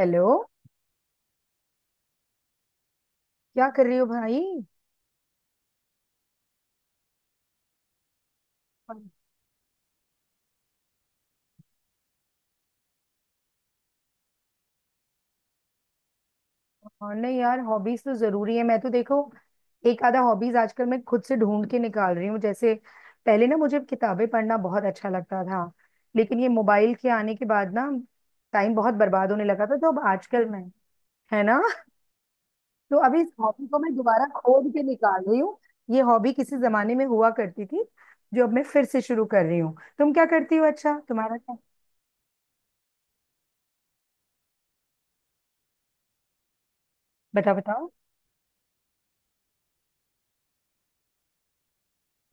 Hello. क्या कर रही हो भाई। और नहीं यार, हॉबीज तो जरूरी है। मैं तो देखो, एक आधा हॉबीज आजकल मैं खुद से ढूंढ के निकाल रही हूँ। जैसे पहले ना, मुझे किताबें पढ़ना बहुत अच्छा लगता था, लेकिन ये मोबाइल के आने के बाद ना, टाइम बहुत बर्बाद होने लगा था। तो अब आजकल मैं, है ना। तो अभी इस हॉबी को मैं दोबारा खोद के निकाल रही हूँ। ये हॉबी किसी जमाने में हुआ करती थी, जो अब मैं फिर से शुरू कर रही हूँ। तुम क्या करती हो? अच्छा तुम्हारा क्या? बताओ बताओ।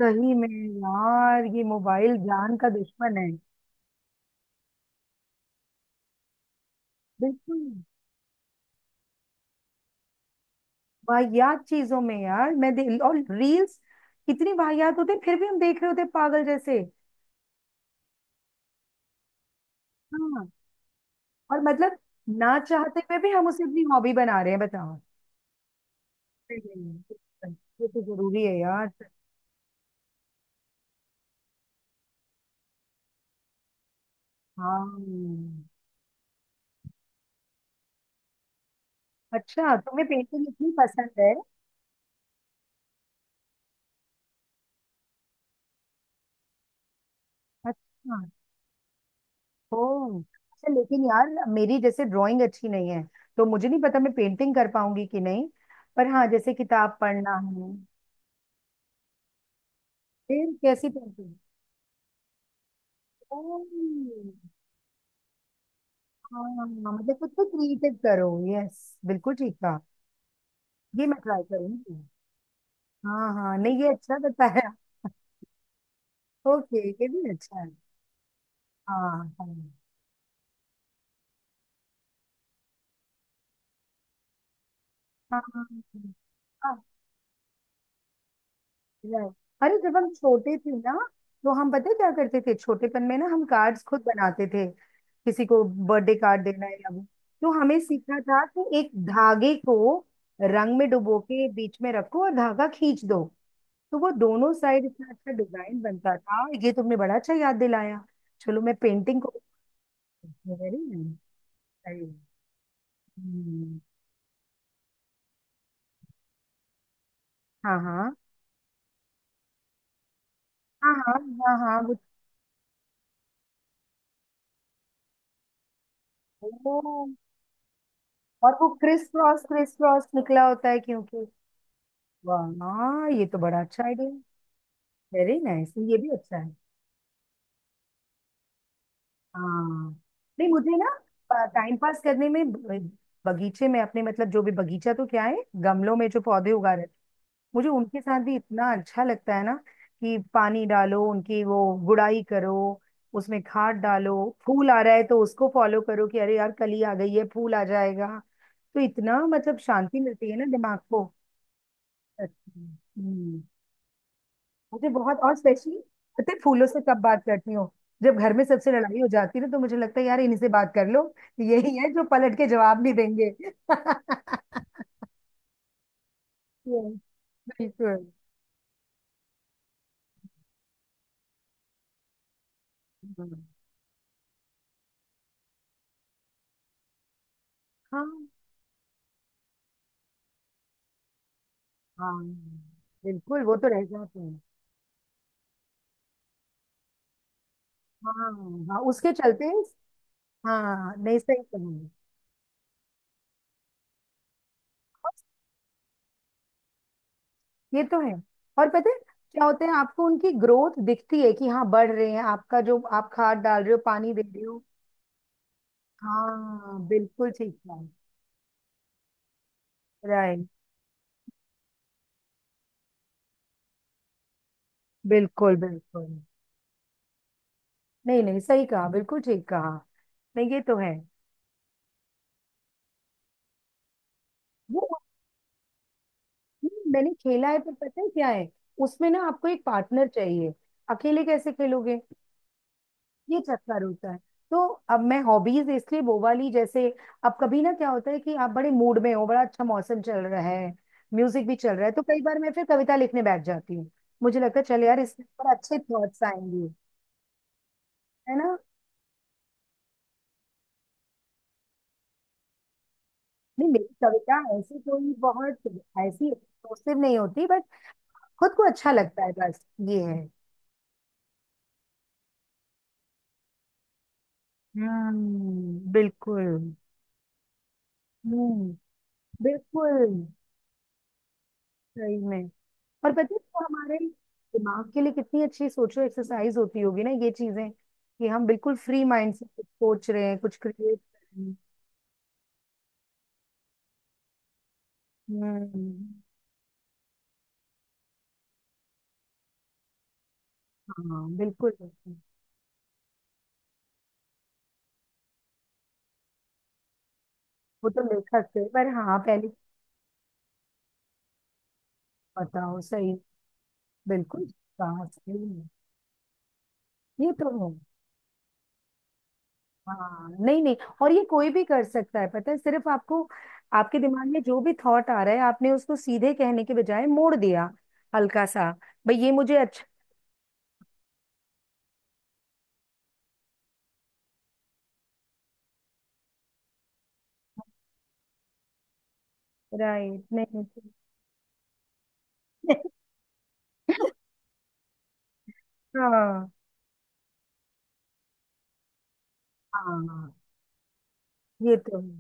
सही में यार, ये मोबाइल जान का दुश्मन है। बिल्कुल। वाहियात चीजों में यार मैं दे, और रील्स कितनी वाहियात होते हैं, फिर भी हम देख रहे होते हैं, पागल जैसे। हाँ, और मतलब ना चाहते हुए भी हम उसे अपनी हॉबी बना रहे हैं, बताओ। हम्म, ये तो जरूरी है यार। हाँ। अच्छा तुम्हें पेंटिंग इतनी पसंद है? अच्छा। ओह अच्छा, लेकिन यार मेरी जैसे ड्राइंग अच्छी नहीं है, तो मुझे नहीं पता मैं पेंटिंग कर पाऊंगी कि नहीं। पर हाँ, जैसे किताब पढ़ना है। फिर कैसी पेंटिंग? ओह। हाँ हाँ, हाँ, मतलब खुद को क्रिएटिव करो। यस, बिल्कुल ठीक था। ये मैं ट्राई करूंगी। हाँ हाँ, नहीं ये अच्छा बताया। ओके, ये भी अच्छा है। हाँ। हाँ हाँ हाँ, हाँ, Right. अरे जब हम छोटे थे ना, तो हम, पता है क्या करते थे छोटेपन में ना, हम कार्ड्स खुद बनाते थे। किसी को बर्थडे कार्ड देना है या वो, तो हमें सीखा था कि एक धागे को रंग में डुबो के बीच में रखो और धागा खींच दो। तो वो दोनों साइड इतना अच्छा डिजाइन बनता था। ये तुमने बड़ा अच्छा याद दिलाया। चलो मैं पेंटिंग को, वेरी नाइस। हम्म, हाँ हाँ हाँ हाँ। हाँ हाँ वो, ओ, और वो क्रिस क्रॉस निकला होता है क्योंकि, वाह ये तो बड़ा अच्छा आइडिया है। वेरी नाइस, ये भी अच्छा है। हाँ। नहीं मुझे ना टाइम पास करने में बगीचे में अपने, मतलब जो भी बगीचा तो क्या है, गमलों में जो पौधे उगा रहे हैं, मुझे उनके साथ भी इतना अच्छा लगता है ना। कि पानी डालो, उनकी वो गुड़ाई करो, उसमें खाद डालो, फूल आ रहा है तो उसको फॉलो करो कि अरे यार कली आ गई है, फूल आ जाएगा। तो इतना मतलब शांति मिलती है ना दिमाग को, सच में। हम्म मुझे बहुत, और स्पेशली पता है फूलों से कब बात करती हूँ? जब घर में सबसे लड़ाई हो जाती है ना, तो मुझे लगता है यार इन्हीं से बात कर लो। यही है जो पलट के जवाब नहीं देंगे। Yes, बिल्कुल। हम्म, हाँ हाँ, बिल्कुल। वो तो रह जाते हैं। हाँ, हाँ उसके चलते। हाँ, नहीं सही कहा। ये तो है। और पता है क्या होता है, आपको उनकी ग्रोथ दिखती है कि हाँ बढ़ रहे हैं, आपका जो आप खाद डाल रहे हो, पानी दे रहे हो। हाँ बिल्कुल ठीक है। राइट। बिल्कुल बिल्कुल। नहीं नहीं सही कहा, बिल्कुल ठीक कहा। नहीं ये तो है। वो, मैंने खेला है, पर पता है क्या है, उसमें ना आपको एक पार्टनर चाहिए। अकेले कैसे खेलोगे? ये चक्कर होता है। तो अब मैं हॉबीज इसलिए वो वाली जैसे, अब कभी ना क्या होता है कि आप बड़े मूड में हो, बड़ा अच्छा मौसम चल रहा है, म्यूजिक भी चल रहा है, तो कई बार मैं फिर कविता लिखने बैठ जाती हूँ। मुझे लगता है चल यार इसमें पर अच्छे थॉट्स आएंगे। है ना। नहीं, मेरी कविता ऐसी कोई बहुत ऐसी एक्सप्लोसिव नहीं होती, बट खुद को अच्छा लगता है बस ये है। बिल्कुल। हम्म बिल्कुल। सही में। और पता है वो हमारे दिमाग के लिए कितनी अच्छी सोचो एक्सरसाइज होती होगी ना ये चीजें, कि हम बिल्कुल फ्री माइंड से कुछ सोच रहे हैं, कुछ क्रिएट कर रहे हैं। हम्म हाँ बिल्कुल बिल्कुल। वो तो लेखक थे, पर हाँ पहले, बताओ सही। बिल्कुल। हाँ सही में। ये तो है। हाँ नहीं नहीं। और ये कोई भी कर सकता है, पता है, सिर्फ आपको, आपके दिमाग में जो भी थॉट आ रहा है, आपने उसको सीधे कहने के बजाय मोड़ दिया हल्का सा। भाई ये मुझे अच्छा, राइट। नहीं। हाँ हाँ, ये तो है।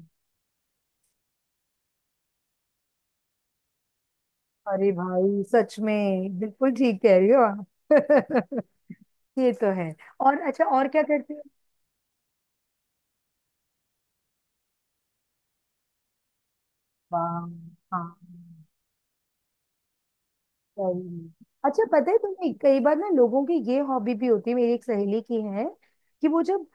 अरे भाई सच में बिल्कुल ठीक कह रही हो आप। ये तो है। और अच्छा और क्या करते हो? वाह, हाँ, सही में। अच्छा पता है तुम्हें, कई बार ना लोगों की ये हॉबी भी होती है, मेरी एक सहेली की है, कि वो जब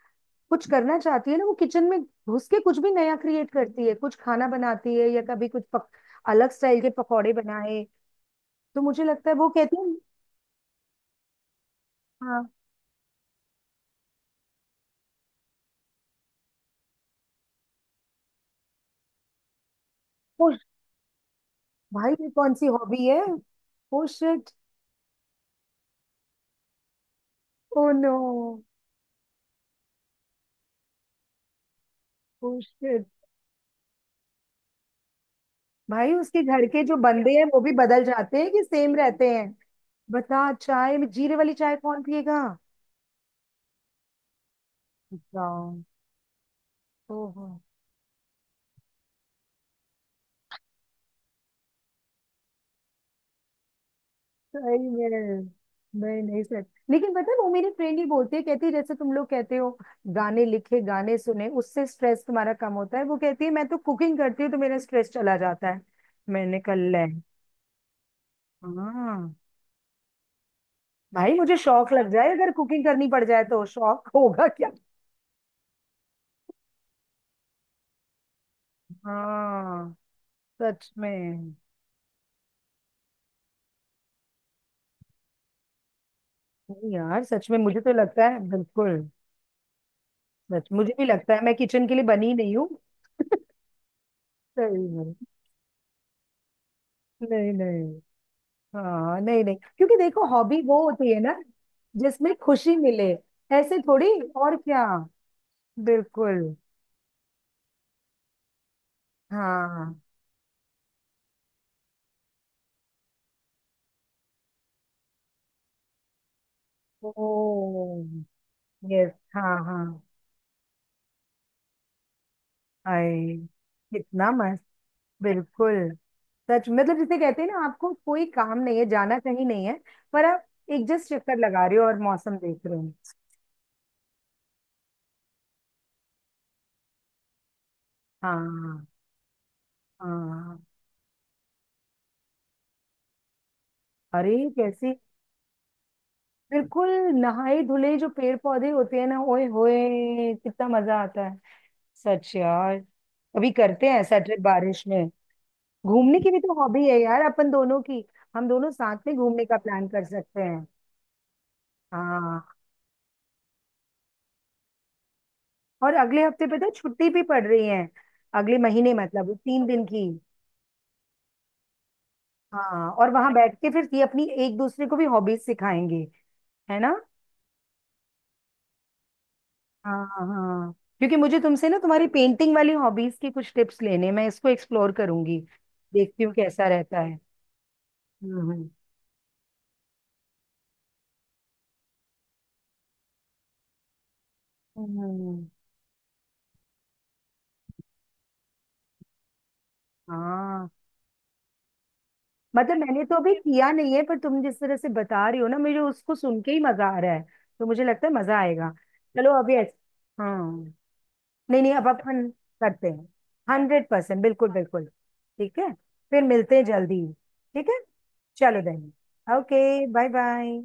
कुछ करना चाहती है ना, वो किचन में घुस के कुछ भी नया क्रिएट करती है, कुछ खाना बनाती है या कभी कुछ पक, अलग स्टाइल के पकौड़े बनाए। तो मुझे लगता है वो कहती है, हाँ। ओ भाई, ये कौन सी हॉबी है? Oh shit. Oh no. Oh shit. भाई उसके घर के जो बंदे हैं वो भी बदल जाते हैं कि सेम रहते हैं? बता, चाय में जीरे वाली चाय कौन पिएगा? बताओ। ओहो। सही में। नहीं नहीं सर। लेकिन पता है वो मेरी फ्रेंड ही बोलती है, कहती है जैसे तुम लोग कहते हो गाने लिखे, गाने सुने, उससे स्ट्रेस तुम्हारा कम होता है, वो कहती है मैं तो कुकिंग करती हूँ तो मेरा स्ट्रेस चला जाता है। मैंने कहा ले। हाँ, भाई मुझे शौक लग जाए, अगर कुकिंग करनी पड़ जाए तो शौक होगा क्या। हाँ सच में। नहीं यार सच में, मुझे तो लगता है बिल्कुल, सच, मुझे भी लगता है मैं किचन के लिए बनी नहीं हूँ। सही में। नहीं नहीं। हाँ नहीं नहीं, क्योंकि देखो हॉबी वो होती है ना जिसमें खुशी मिले, ऐसे थोड़ी। और क्या, बिल्कुल। हाँ। ओ, यस हाँ हाँ। आए, कितना मस्त, बिल्कुल। सच, मतलब जिसे कहते हैं ना आपको कोई काम नहीं है, जाना कहीं नहीं है, पर आप एक जस्ट चक्कर लगा रहे हो और मौसम देख रहे हो। हाँ हाँ। अरे कैसी, बिल्कुल। नहाए धुले जो पेड़ पौधे होते हैं ना, ओए होए कितना मजा आता है। सच यार, कभी करते हैं ऐसा ट्रिप बारिश में, घूमने की भी तो हॉबी है यार अपन दोनों की। हम दोनों साथ में घूमने का प्लान कर सकते हैं। हाँ, और अगले हफ्ते पे तो छुट्टी भी पड़ रही है, अगले महीने, मतलब 3 दिन की। हाँ, और वहां बैठ के फिर ये अपनी एक दूसरे को भी हॉबीज सिखाएंगे, है ना। हाँ हाँ। क्योंकि मुझे तुमसे ना तुम्हारी पेंटिंग वाली हॉबीज की कुछ टिप्स लेने हैं। मैं इसको एक्सप्लोर करूंगी, देखती हूँ कैसा रहता है। हम्म हम्म हम्म, हाँ, मतलब मैंने तो अभी किया नहीं है, पर तुम जिस तरह से बता रही हो ना, मुझे उसको सुन के ही मजा आ रहा है। तो मुझे लगता है मजा आएगा। चलो अभी हाँ नहीं नहीं, अब अपन करते हैं। 100%, बिल्कुल बिल्कुल। ठीक है, फिर मिलते हैं जल्दी। ठीक है। चलो देन, ओके, बाय बाय।